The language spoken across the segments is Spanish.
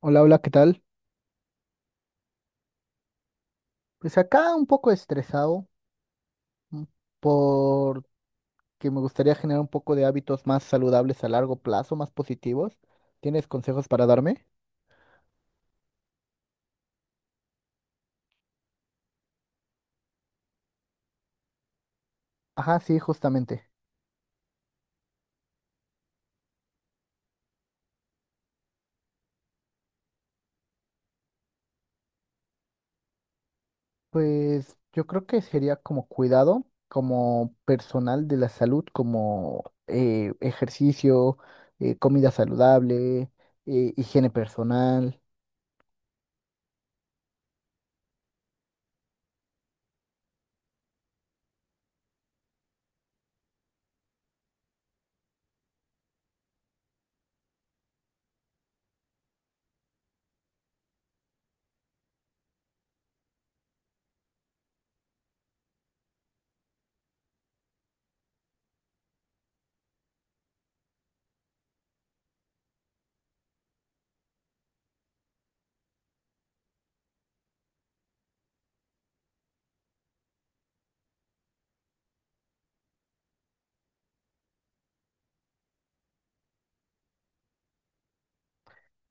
Hola, hola, ¿qué tal? Pues acá un poco estresado, mm, porque me gustaría generar un poco de hábitos más saludables a largo plazo, más positivos. ¿Tienes consejos para darme? Ajá, sí, justamente. Pues yo creo que sería como cuidado, como personal de la salud, como ejercicio, comida saludable, higiene personal.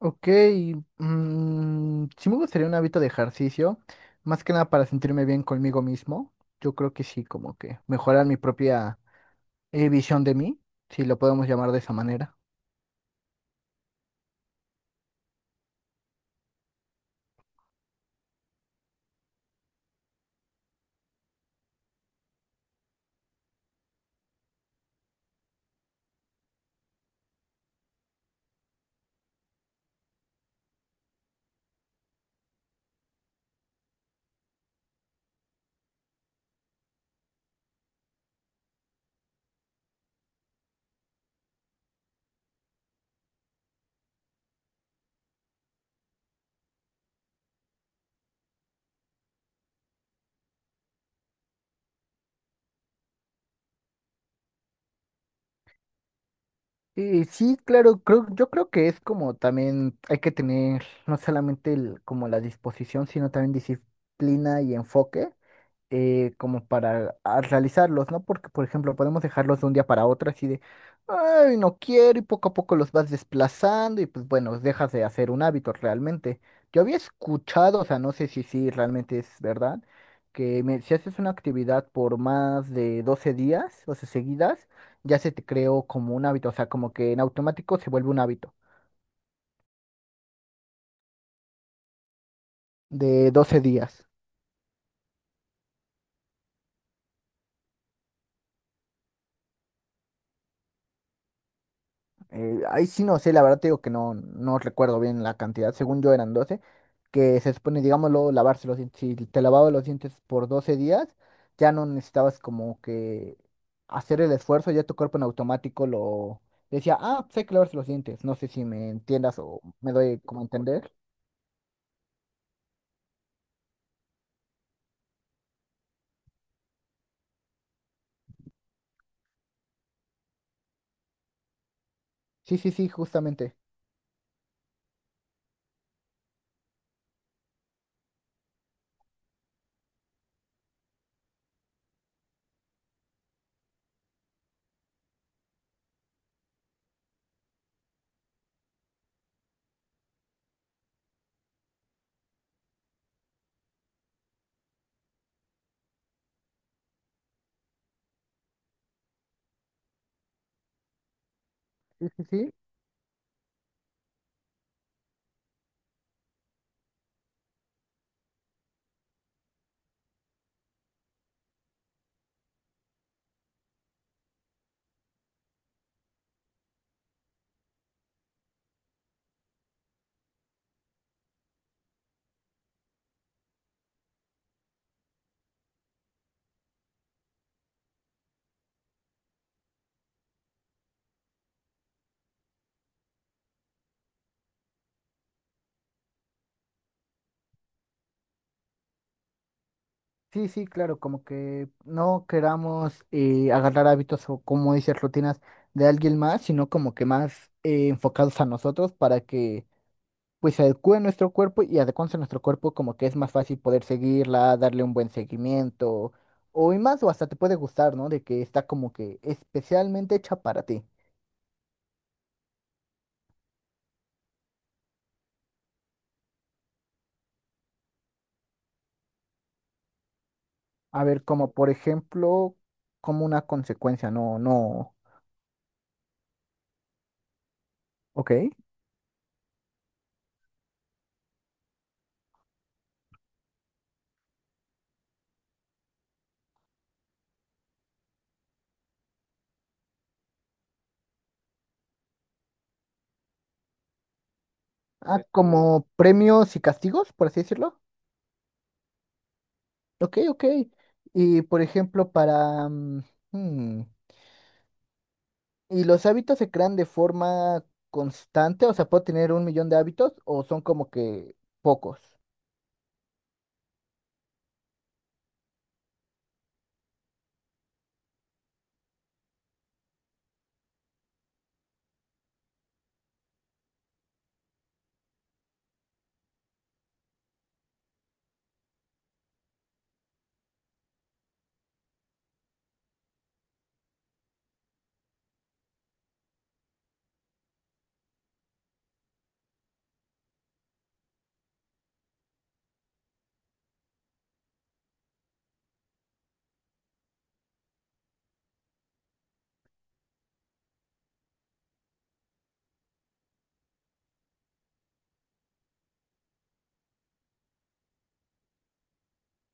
Ok, mm, sí me gustaría un hábito de ejercicio, más que nada para sentirme bien conmigo mismo. Yo creo que sí, como que mejorar mi propia visión de mí, si lo podemos llamar de esa manera. Y sí, claro, creo, yo creo que es como también hay que tener no solamente como la disposición, sino también disciplina y enfoque, como para realizarlos, ¿no? Porque, por ejemplo, podemos dejarlos de un día para otro así de, ay, no quiero, y poco a poco los vas desplazando y pues bueno, dejas de hacer un hábito realmente. Yo había escuchado, o sea, no sé si sí realmente es verdad, que si haces una actividad por más de 12 días, o sea, seguidas, ya se te creó como un hábito, o sea, como que en automático se vuelve un hábito de 12 días. Ahí sí no sé, la verdad te digo que no recuerdo bien la cantidad, según yo eran doce, que se supone, digámoslo, lavarse los dientes. Si te lavabas los dientes por 12 días, ya no necesitabas como que hacer el esfuerzo, ya tu cuerpo en automático lo decía, ah, pues hay que lavarse los dientes. No sé si me entiendas o me doy como a entender. Sí, sí, sí, justamente. Sí, sí, sí. Sí, sí, claro, como que no queramos agarrar hábitos o como dices, rutinas de alguien más, sino como que más enfocados a nosotros, para que pues se adecue nuestro cuerpo, y adecuándose a nuestro cuerpo como que es más fácil poder seguirla, darle un buen seguimiento o y más o hasta te puede gustar, ¿no? De que está como que especialmente hecha para ti. A ver, como por ejemplo, como una consecuencia, no, no, ok. Ah, como premios y castigos, por así decirlo. Ok, ok. Y por ejemplo, para... hmm, ¿y los hábitos se crean de forma constante? O sea, ¿puedo tener un millón de hábitos o son como que pocos?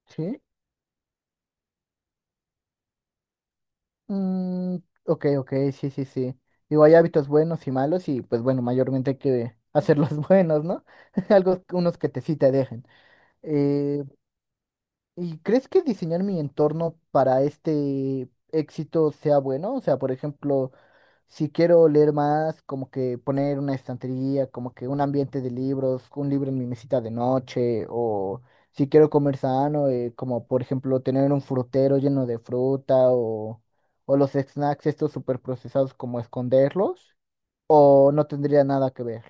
¿Sí? Mm, ok, ok, sí, sí, sí. Digo, hay hábitos buenos y malos y pues bueno, mayormente hay que hacerlos buenos, ¿no? Algo, unos que te sí te dejen. Eh, ¿Y crees que diseñar mi entorno para este éxito sea bueno? O sea, por ejemplo... Si quiero leer más, como que poner una estantería, como que un ambiente de libros, un libro en mi mesita de noche, o si quiero comer sano, como por ejemplo tener un frutero lleno de fruta, o los snacks estos super procesados, como esconderlos, o no tendría nada que ver.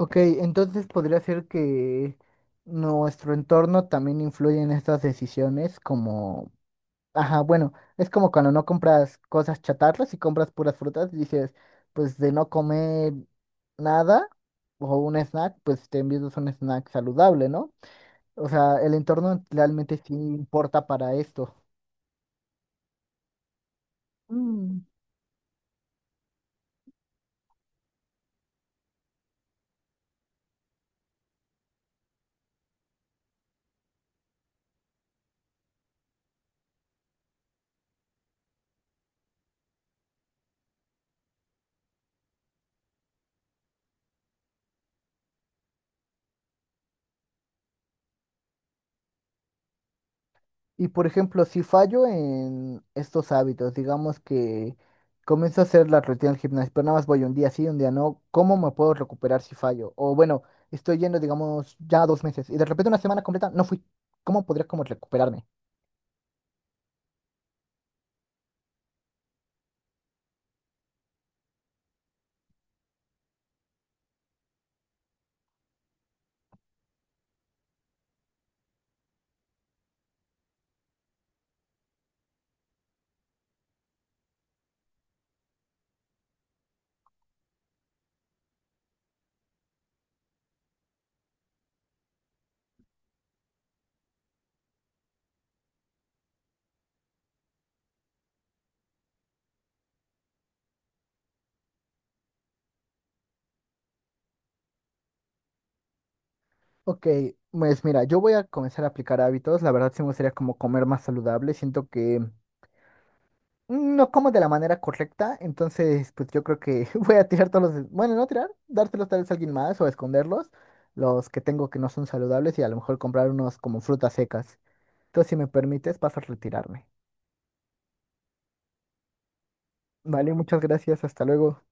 Ok, entonces podría ser que nuestro entorno también influye en estas decisiones, como... Ajá, bueno, es como cuando no compras cosas chatarras y compras puras frutas y dices, pues de no comer nada o un snack, pues te envías un snack saludable, ¿no? O sea, el entorno realmente sí importa para esto. Mm. Y por ejemplo, si fallo en estos hábitos, digamos que comienzo a hacer la rutina del gimnasio, pero nada más voy un día sí, un día no, ¿cómo me puedo recuperar si fallo? O bueno, estoy yendo, digamos, ya 2 meses y de repente una semana completa no fui. ¿Cómo podría como recuperarme? Ok, pues mira, yo voy a comenzar a aplicar hábitos. La verdad sí me gustaría como comer más saludable. Siento que no como de la manera correcta. Entonces, pues yo creo que voy a tirar todos los... Bueno, no tirar, dárselos tal vez a alguien más o esconderlos. Los que tengo que no son saludables y a lo mejor comprar unos como frutas secas. Entonces, si me permites, paso a retirarme. Vale, muchas gracias. Hasta luego.